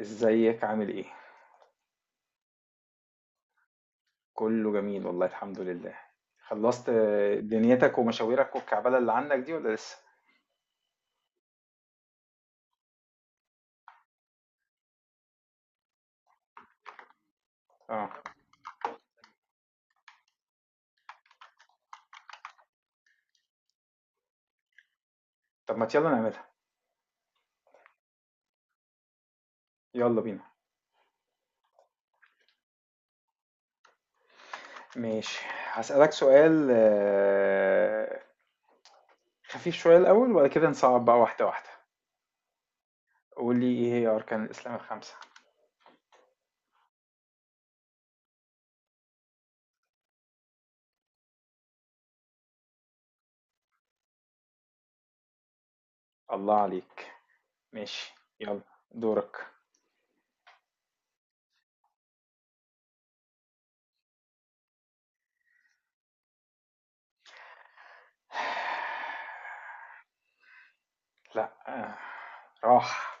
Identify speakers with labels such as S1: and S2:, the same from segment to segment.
S1: ازيك عامل ايه؟ كله جميل والله الحمد لله. خلصت. دنيتك ومشاويرك والكعبلة اللي عندك دي ولا لسه؟ اه. طب ما يلا نعملها. يلا بينا. ماشي، هسألك سؤال خفيف شوية الأول وبعد كده نصعب بقى واحدة واحدة. قول لي ايه هي أركان الإسلام الخمسة؟ الله عليك. ماشي. يلا دورك. لا، راح.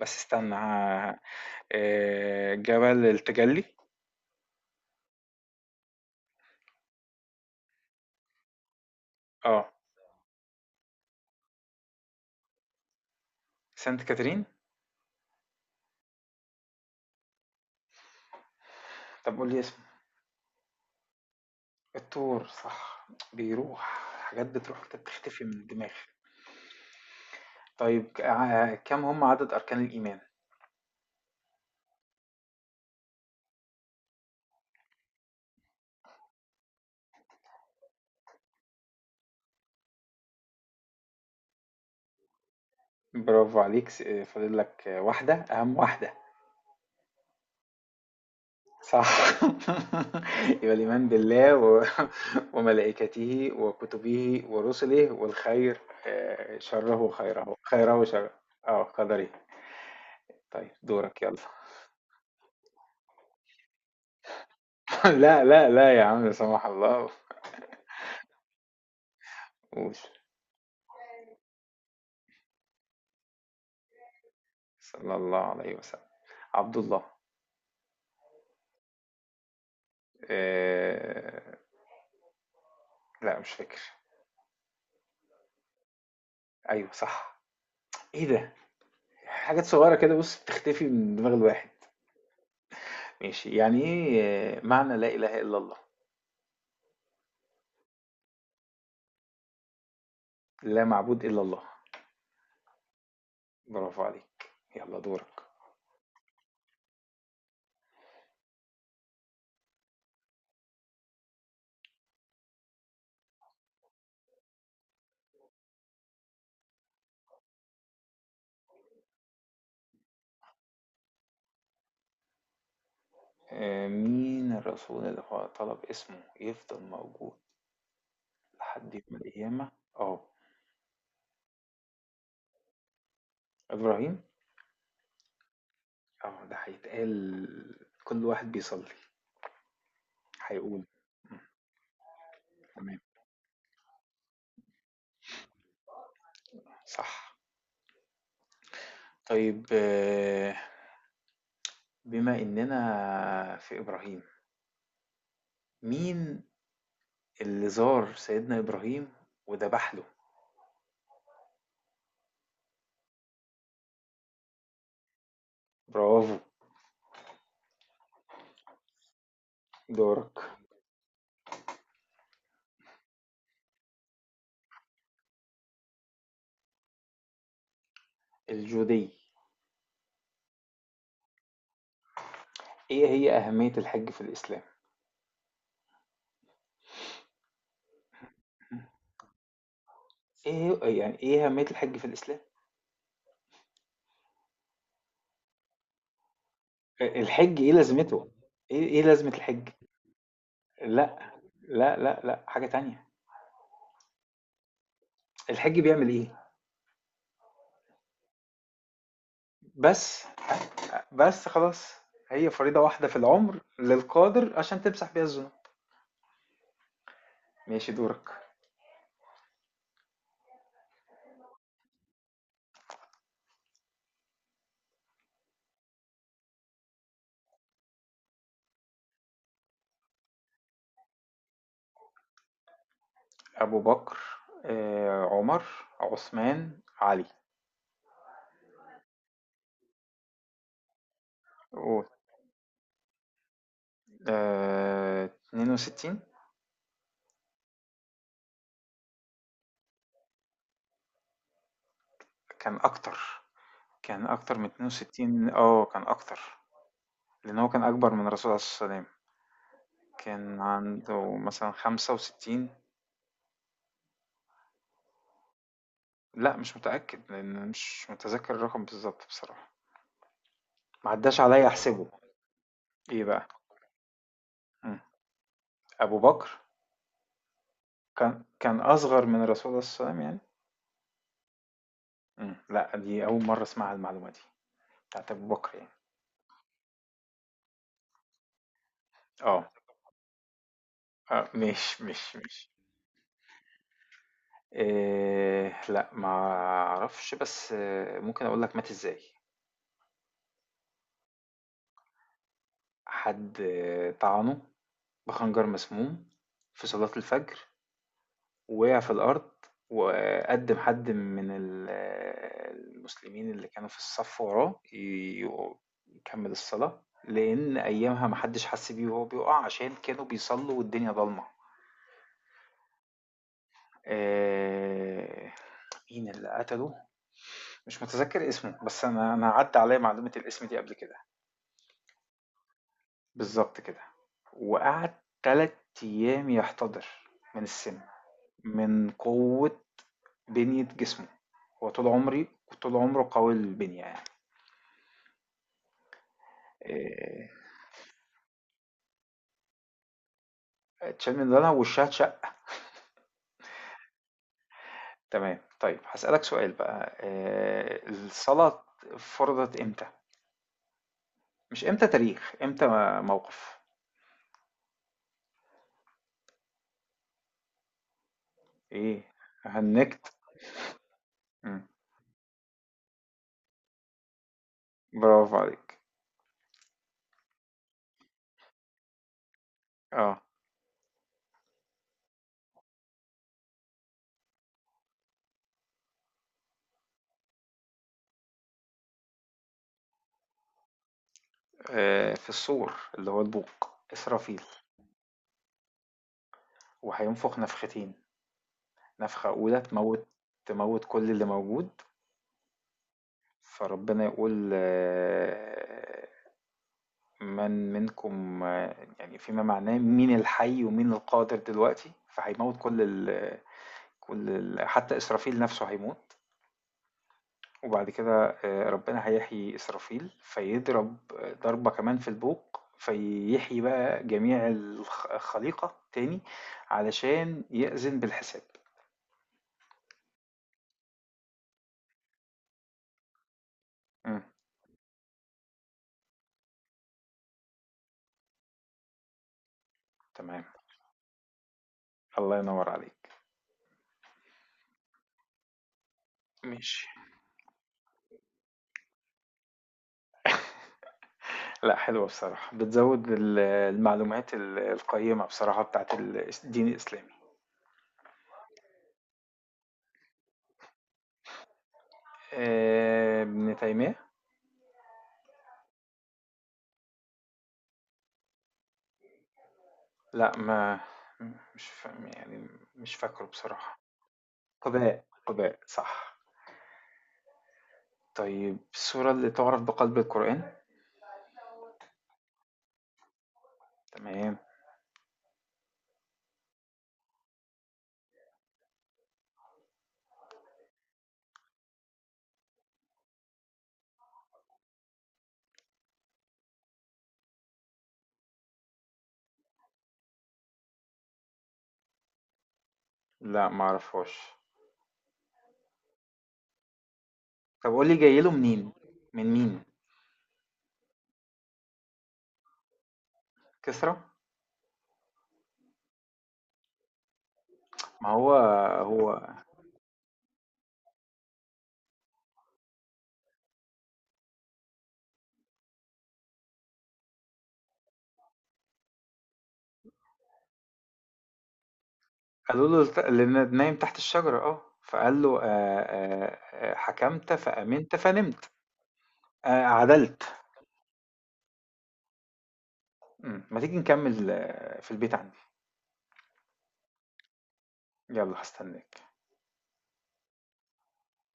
S1: بس استنى جبل التجلي. اه. سانت كاترين. طب قول لي اسمه. الطور صح. بيروح. حاجات بتروح كده بتختفي من الدماغ. طيب كم هم عدد أركان الإيمان. برافو عليك، فاضل لك واحدة أهم واحدة. صح. يبقى الإيمان بالله وملائكته وكتبه ورسله والخير. شره خيره خيره شره. اه قدره. طيب دورك يلا. لا لا لا يا عم، لا سمح الله. قول. صلى الله عليه وسلم. عبد الله. آه... لا مش فاكر. ايوه صح. ايه ده. حاجات صغيره كده بص بتختفي من دماغ الواحد. ماشي، يعني ايه معنى لا اله الا الله. لا معبود الا الله. برافو عليك، يلا دورك. مين الرسول اللي هو طلب اسمه يفضل موجود لحد يوم القيامة. اه، ابراهيم. اه ده هيتقال كل واحد بيصلي هيقول. تمام. صح. طيب، بما اننا في ابراهيم، مين اللي زار سيدنا إبراهيم وذبح له. برافو. دورك. الجودية. إيه هي أهمية الحج في الإسلام؟ إيه هي، يعني إيه أهمية الحج في الإسلام؟ الحج إيه لازمته؟ إيه إيه لازمة الحج؟ لا. لا لا لا، حاجة تانية. الحج بيعمل إيه؟ بس. بس خلاص. هي فريضة واحدة في العمر للقادر عشان تمسح بيها الذنوب. ماشي دورك. أبو بكر، عمر، عثمان، علي. قول. 62. كان أكتر، كان أكتر من 62، كان أكتر. لأن هو كان أكبر من الرسول عليه الصلاة والسلام، كان عنده مثلًا 65. لأ مش متأكد، لأن مش متذكر الرقم بالضبط بصراحة. ما عداش عليَّ أحسبه. إيه بقى؟ إمم. أبو بكر كان أصغر من الرسول عليه الصلاة والسلام يعني؟ لأ دي أول مرة أسمعها المعلومة دي، بتاعة أبو بكر يعني. آه، ماشي، ماشي، ماشي. لأ ما أعرفش، بس ممكن أقول لك مات إزاي. حد طعنه بخنجر مسموم في صلاة الفجر ووقع في الأرض. وقدم حد من المسلمين اللي كانوا في الصف وراه يكمل الصلاة، لأن أيامها محدش حس بيه وهو بيقع عشان كانوا بيصلوا والدنيا ضلمة. آه، مين اللي قتله، مش متذكر اسمه، بس أنا عدى عليا معلومة الاسم دي قبل كده. بالظبط كده. وقعد تلات أيام يحتضر من السم، من قوة بنية جسمه. هو طول عمري طول عمره قوي البنية يعني. آه، اتشال من دولها وشها اتشق تمام، طيب هسألك سؤال بقى. الصلاة فرضت امتى؟ مش امتى، تاريخ امتى. موقف. ايه. هنكت. مم. برافو عليك. اه، في الصور، اللي هو البوق، إسرافيل. وهينفخ نفختين. نفخة أولى تموت، تموت كل اللي موجود. فربنا يقول من منكم، يعني فيما معناه مين الحي ومين القادر دلوقتي. فهيموت كل ال، حتى إسرافيل نفسه هيموت. وبعد كده ربنا هيحيي إسرافيل، فيضرب ضربة كمان في البوق فيحيي بقى جميع الخليقة تاني، علشان يأذن بالحساب. مم. تمام. الله ينور عليك. ماشي. لا حلوة بصراحة، بتزود المعلومات القيمة بصراحة بتاعت الدين الإسلامي. ابن تيمية. لا، ما مش فا... يعني، مش فاكره بصراحة. قباء قباء صح. طيب السورة اللي تعرف بقلب القرآن. تمام. لا ما اعرفهاش. طب قول لي جاي له منين، من مين. كسرى. ما هو هو. قالوا له اللي نايم تحت الشجرة. اه. فقال له حكمت فأمنت فنمت. عدلت. مم. ما تيجي نكمل في البيت عندي. يلا هستناك.